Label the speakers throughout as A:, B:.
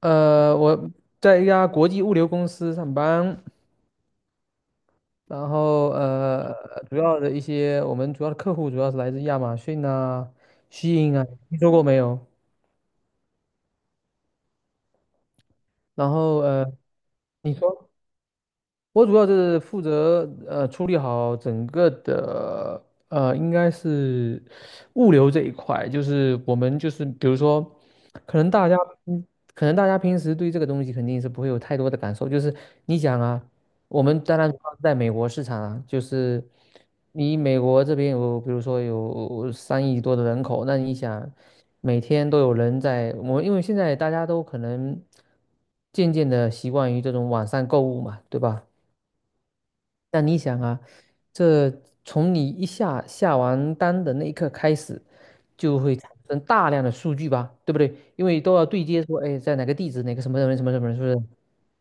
A: 我在一家国际物流公司上班，然后主要的一些我们主要的客户主要是来自亚马逊啊、SH 啊，听说过没有？然后你说。我主要是负责处理好整个的应该是物流这一块，就是我们就是比如说，可能大家嗯可能大家平时对这个东西肯定是不会有太多的感受，就是你想啊，我们当然主要是在美国市场啊，就是你美国这边有比如说有3亿多的人口，那你想每天都有人在，我因为现在大家都可能渐渐的习惯于这种网上购物嘛，对吧？那你想啊，这从你一下下完单的那一刻开始，就会产生大量的数据吧，对不对？因为都要对接说，哎，在哪个地址，哪个什么什么什么什么，是不是？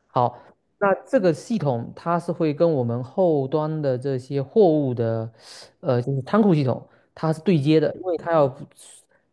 A: 好，那这个系统它是会跟我们后端的这些货物的，就是仓库系统。它是对接的，因为它要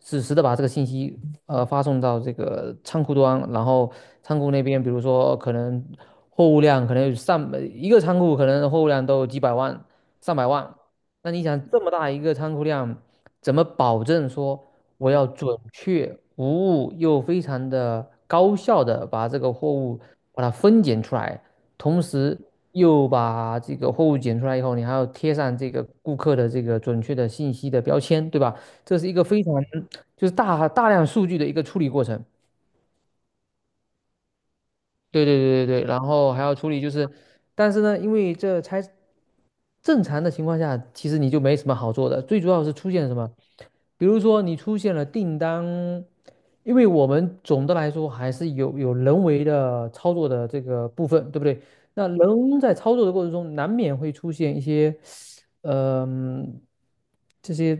A: 实时的把这个信息发送到这个仓库端，然后仓库那边，比如说可能货物量可能有上一个仓库可能货物量都有几百万、上百万，那你想这么大一个仓库量，怎么保证说我要准确无误又非常的高效的把这个货物把它分拣出来？同时又把这个货物检出来以后，你还要贴上这个顾客的这个准确的信息的标签，对吧？这是一个非常就是大量数据的一个处理过程。对对对对对，然后还要处理就是，但是呢，因为这才正常的情况下，其实你就没什么好做的。最主要是出现什么？比如说你出现了订单，因为我们总的来说还是有人为的操作的这个部分，对不对？那人在操作的过程中，难免会出现一些，嗯、这些，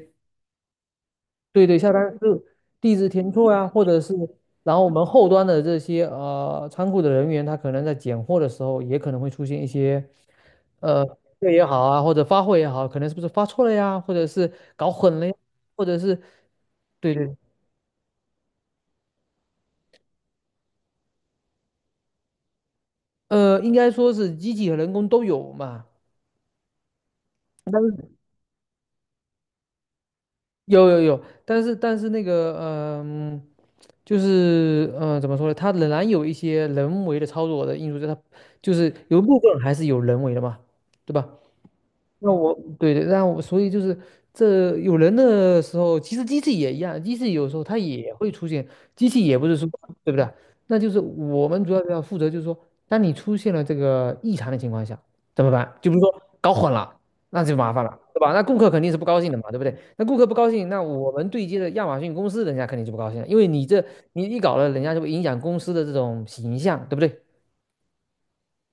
A: 对对，下单是地址填错啊，或者是然后我们后端的这些仓库的人员，他可能在拣货的时候，也可能会出现一些呃对也好啊，或者发货也好，可能是不是发错了呀，或者是搞混了呀，或者是。对对，应该说是机器和人工都有嘛。但是有有有，但是那个怎么说呢？它仍然有一些人为的操作的因素在它，就是有一部分还是有人为的嘛，对吧？那我对对，那我所以就是这有人的时候，其实机器也一样，机器有时候它也会出现，机器也不是说，对不对？那就是我们主要要负责，就是说，当你出现了这个异常的情况下，怎么办？就比如说搞混了，那就麻烦了，对吧？那顾客肯定是不高兴的嘛，对不对？那顾客不高兴，那我们对接的亚马逊公司，人家肯定就不高兴了，因为你这你一搞了，人家就会影响公司的这种形象，对不对？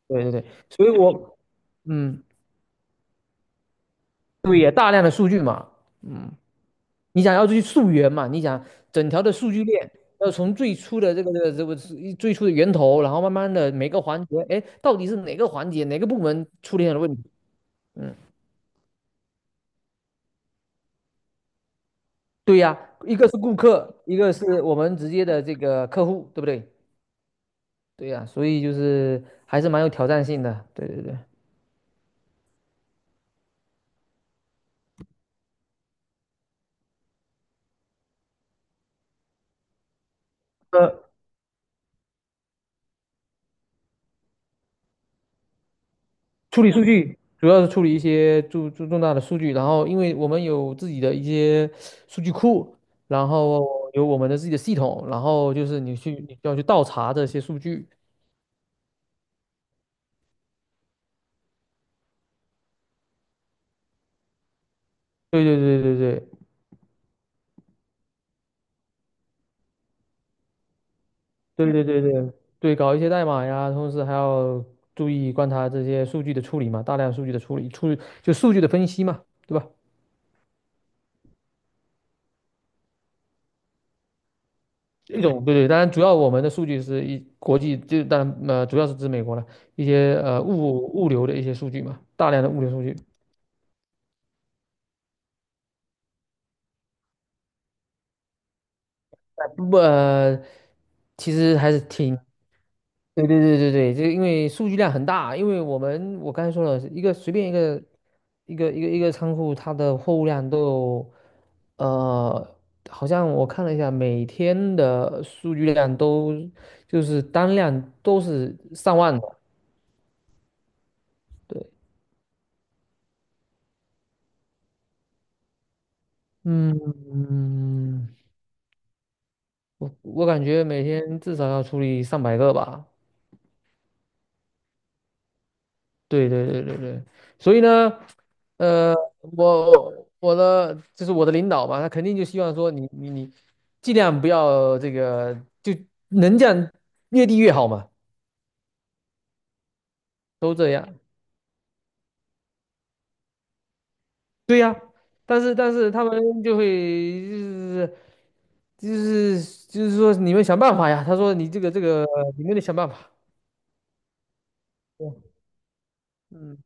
A: 对对对，所以我嗯，对，也大量的数据嘛。嗯。你想要去溯源嘛？你想整条的数据链要从最初的这个是最初的源头，然后慢慢的每个环节，哎，到底是哪个环节哪个部门出现了问题？嗯，对呀，一个是顾客，一个是我们直接的这个客户，对不对？对呀，所以就是还是蛮有挑战性的。对对对。呃，处理数据主要是处理一些重大的数据，然后因为我们有自己的一些数据库，然后有我们的自己的系统，然后就是你要去倒查这些数据，对对对对对对对对对对，搞一些代码呀，同时还要注意观察这些数据的处理嘛，大量数据的处理，就数据的分析嘛，对吧？一种，对对，当然主要我们的数据是一国际，就当然主要是指美国了，一些物流的一些数据嘛，大量的物流数据。不，其实还是挺，对对对对对，这因为数据量很大，因为我们我刚才说了，随便一个仓库，它的货物量都有，呃，好像我看了一下，每天的数据量都就是单量都是上万的，对，嗯，我我感觉每天至少要处理上百个吧。对对对对对，所以呢，呃，我的领导嘛，他肯定就希望说你尽量不要这个，就能降越低越好嘛，都这样。对呀、但是他们就会就是说你们想办法呀，他说你这个这个你们得想办法。对，嗯，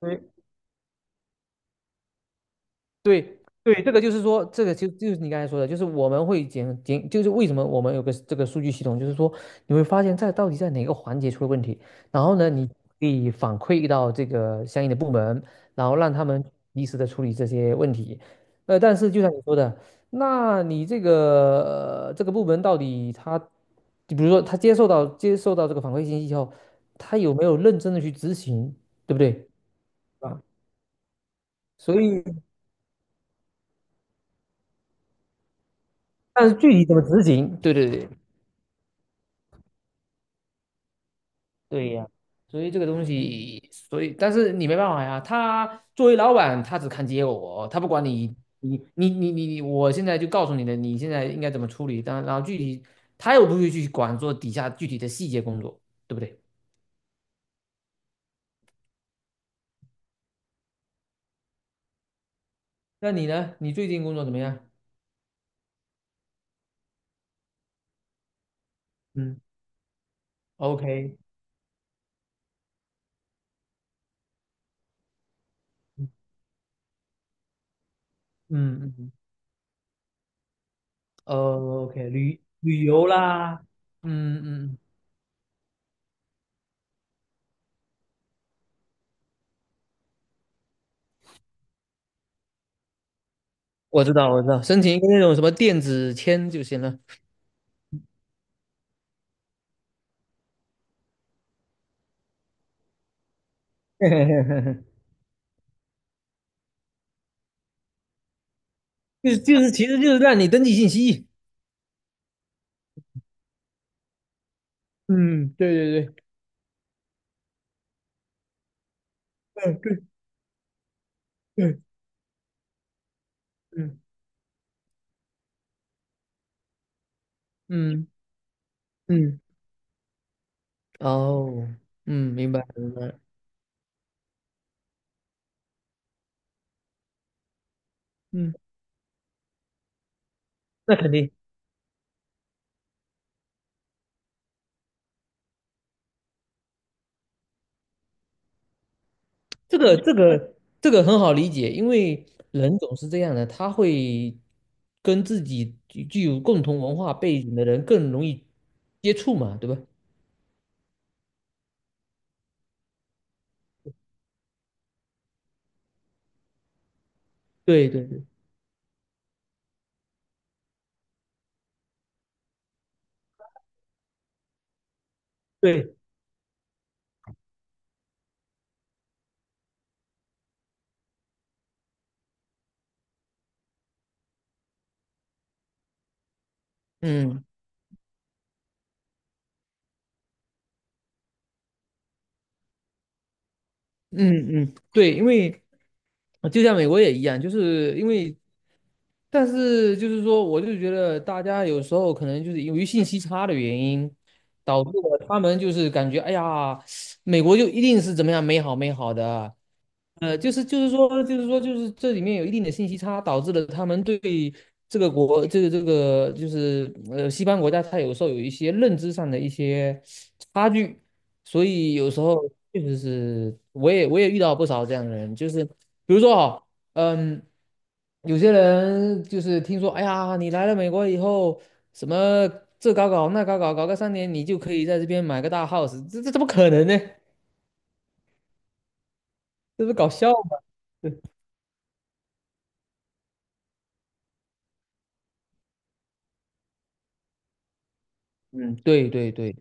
A: 对。对对，这个就是说，这个就是你刚才说的，就是我们会检，就是为什么我们有个这个数据系统，就是说你会发现在到底在哪个环节出了问题，然后呢，你可以反馈到这个相应的部门，然后让他们及时的处理这些问题。但是就像你说的，那你这个、这个部门到底他，就比如说他接受到这个反馈信息以后，他有没有认真的去执行，对不对？啊，所以，但是具体怎么执行，对对对。对呀，所以这个东西，所以但是你没办法呀。他作为老板，他只看结果，他不管你，你。我现在就告诉你的，你现在应该怎么处理。但然后具体他又不会去管做底下具体的细节工作，对不对？那你呢？你最近工作怎么样？嗯，OK，嗯嗯，嗯 OK， 旅游啦，嗯嗯，我知道我知道，申请一个那种什么电子签就行了，就是就是其实就是让你登记信息。嗯，对对对，嗯，对对，嗯嗯嗯，哦，嗯，明白明白，嗯，那肯定，这个这个这个很好理解，因为人总是这样的，他会跟自己具有共同文化背景的人更容易接触嘛，对吧？对对对对，嗯嗯嗯，对，因为就像美国也一样，就是因为但是就是说，我就觉得大家有时候可能就是由于信息差的原因，导致了他们就是感觉，哎呀，美国就一定是怎么样美好美好的，就是这里面有一定的信息差，导致了他们对这个国这个这个就是西方国家，它有时候有一些认知上的一些差距，所以有时候确实是我也遇到不少这样的人，就是比如说哈。嗯，有些人就是听说，哎呀，你来了美国以后，什么这搞搞那搞搞，搞个3年，你就可以在这边买个大 house，这这怎么可能呢？这不是搞笑吗？对，嗯，对对对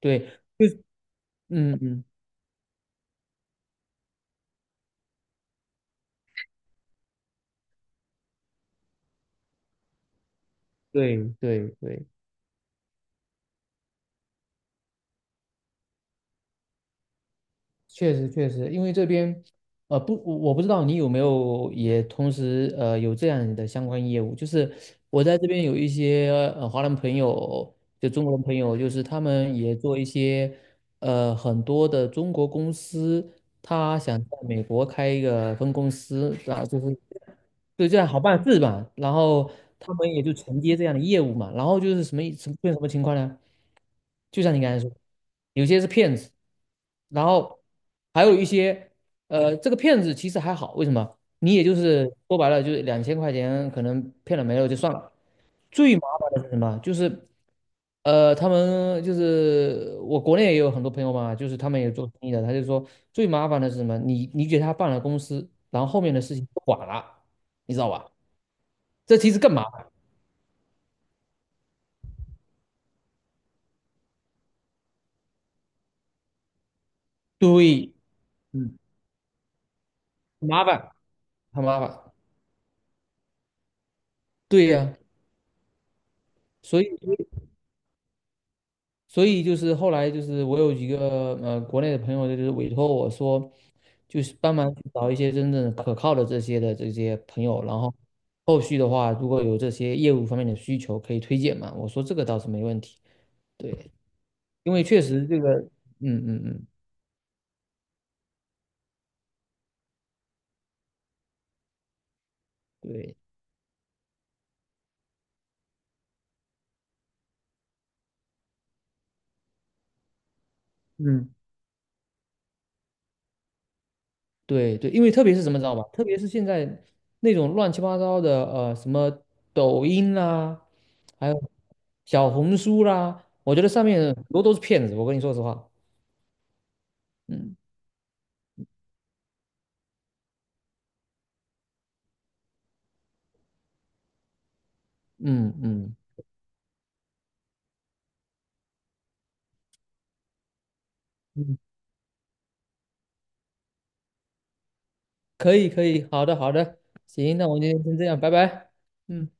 A: 对，嗯嗯，对对对，确实确实，因为这边，不，我不知道你有没有也同时有这样的相关业务，就是我在这边有一些华人朋友，就中国人朋友，就是他们也做一些很多的中国公司，他想在美国开一个分公司，啊，就是。对，这样好办事嘛。然后他们也就承接这样的业务嘛。然后就是什么什么出现什么情况呢？就像你刚才说，有些是骗子，然后还有一些这个骗子其实还好，为什么？你也就是说白了，就是2000块钱可能骗了没了就算了。最麻烦的是什么？就是，他们就是我国内也有很多朋友嘛，就是他们也做生意的，他就说最麻烦的是什么？你你给他办了公司，然后后面的事情不管了，你知道吧？这其实更麻烦。对，嗯，麻烦，很麻烦。对呀、所以，所以就是后来就是我有几个国内的朋友，就是委托我说，就是帮忙去找一些真正可靠的这些朋友，然后后续的话，如果有这些业务方面的需求，可以推荐嘛。我说这个倒是没问题，对，因为确实这个，嗯嗯嗯，对。嗯，对对，因为特别是什么知道吗？特别是现在那种乱七八糟的，什么抖音啦，还有小红书啦，我觉得上面很多都是骗子。我跟你说实话，嗯。嗯嗯嗯，可以可以，好的好的，行，那我们今天先这样，拜拜。嗯。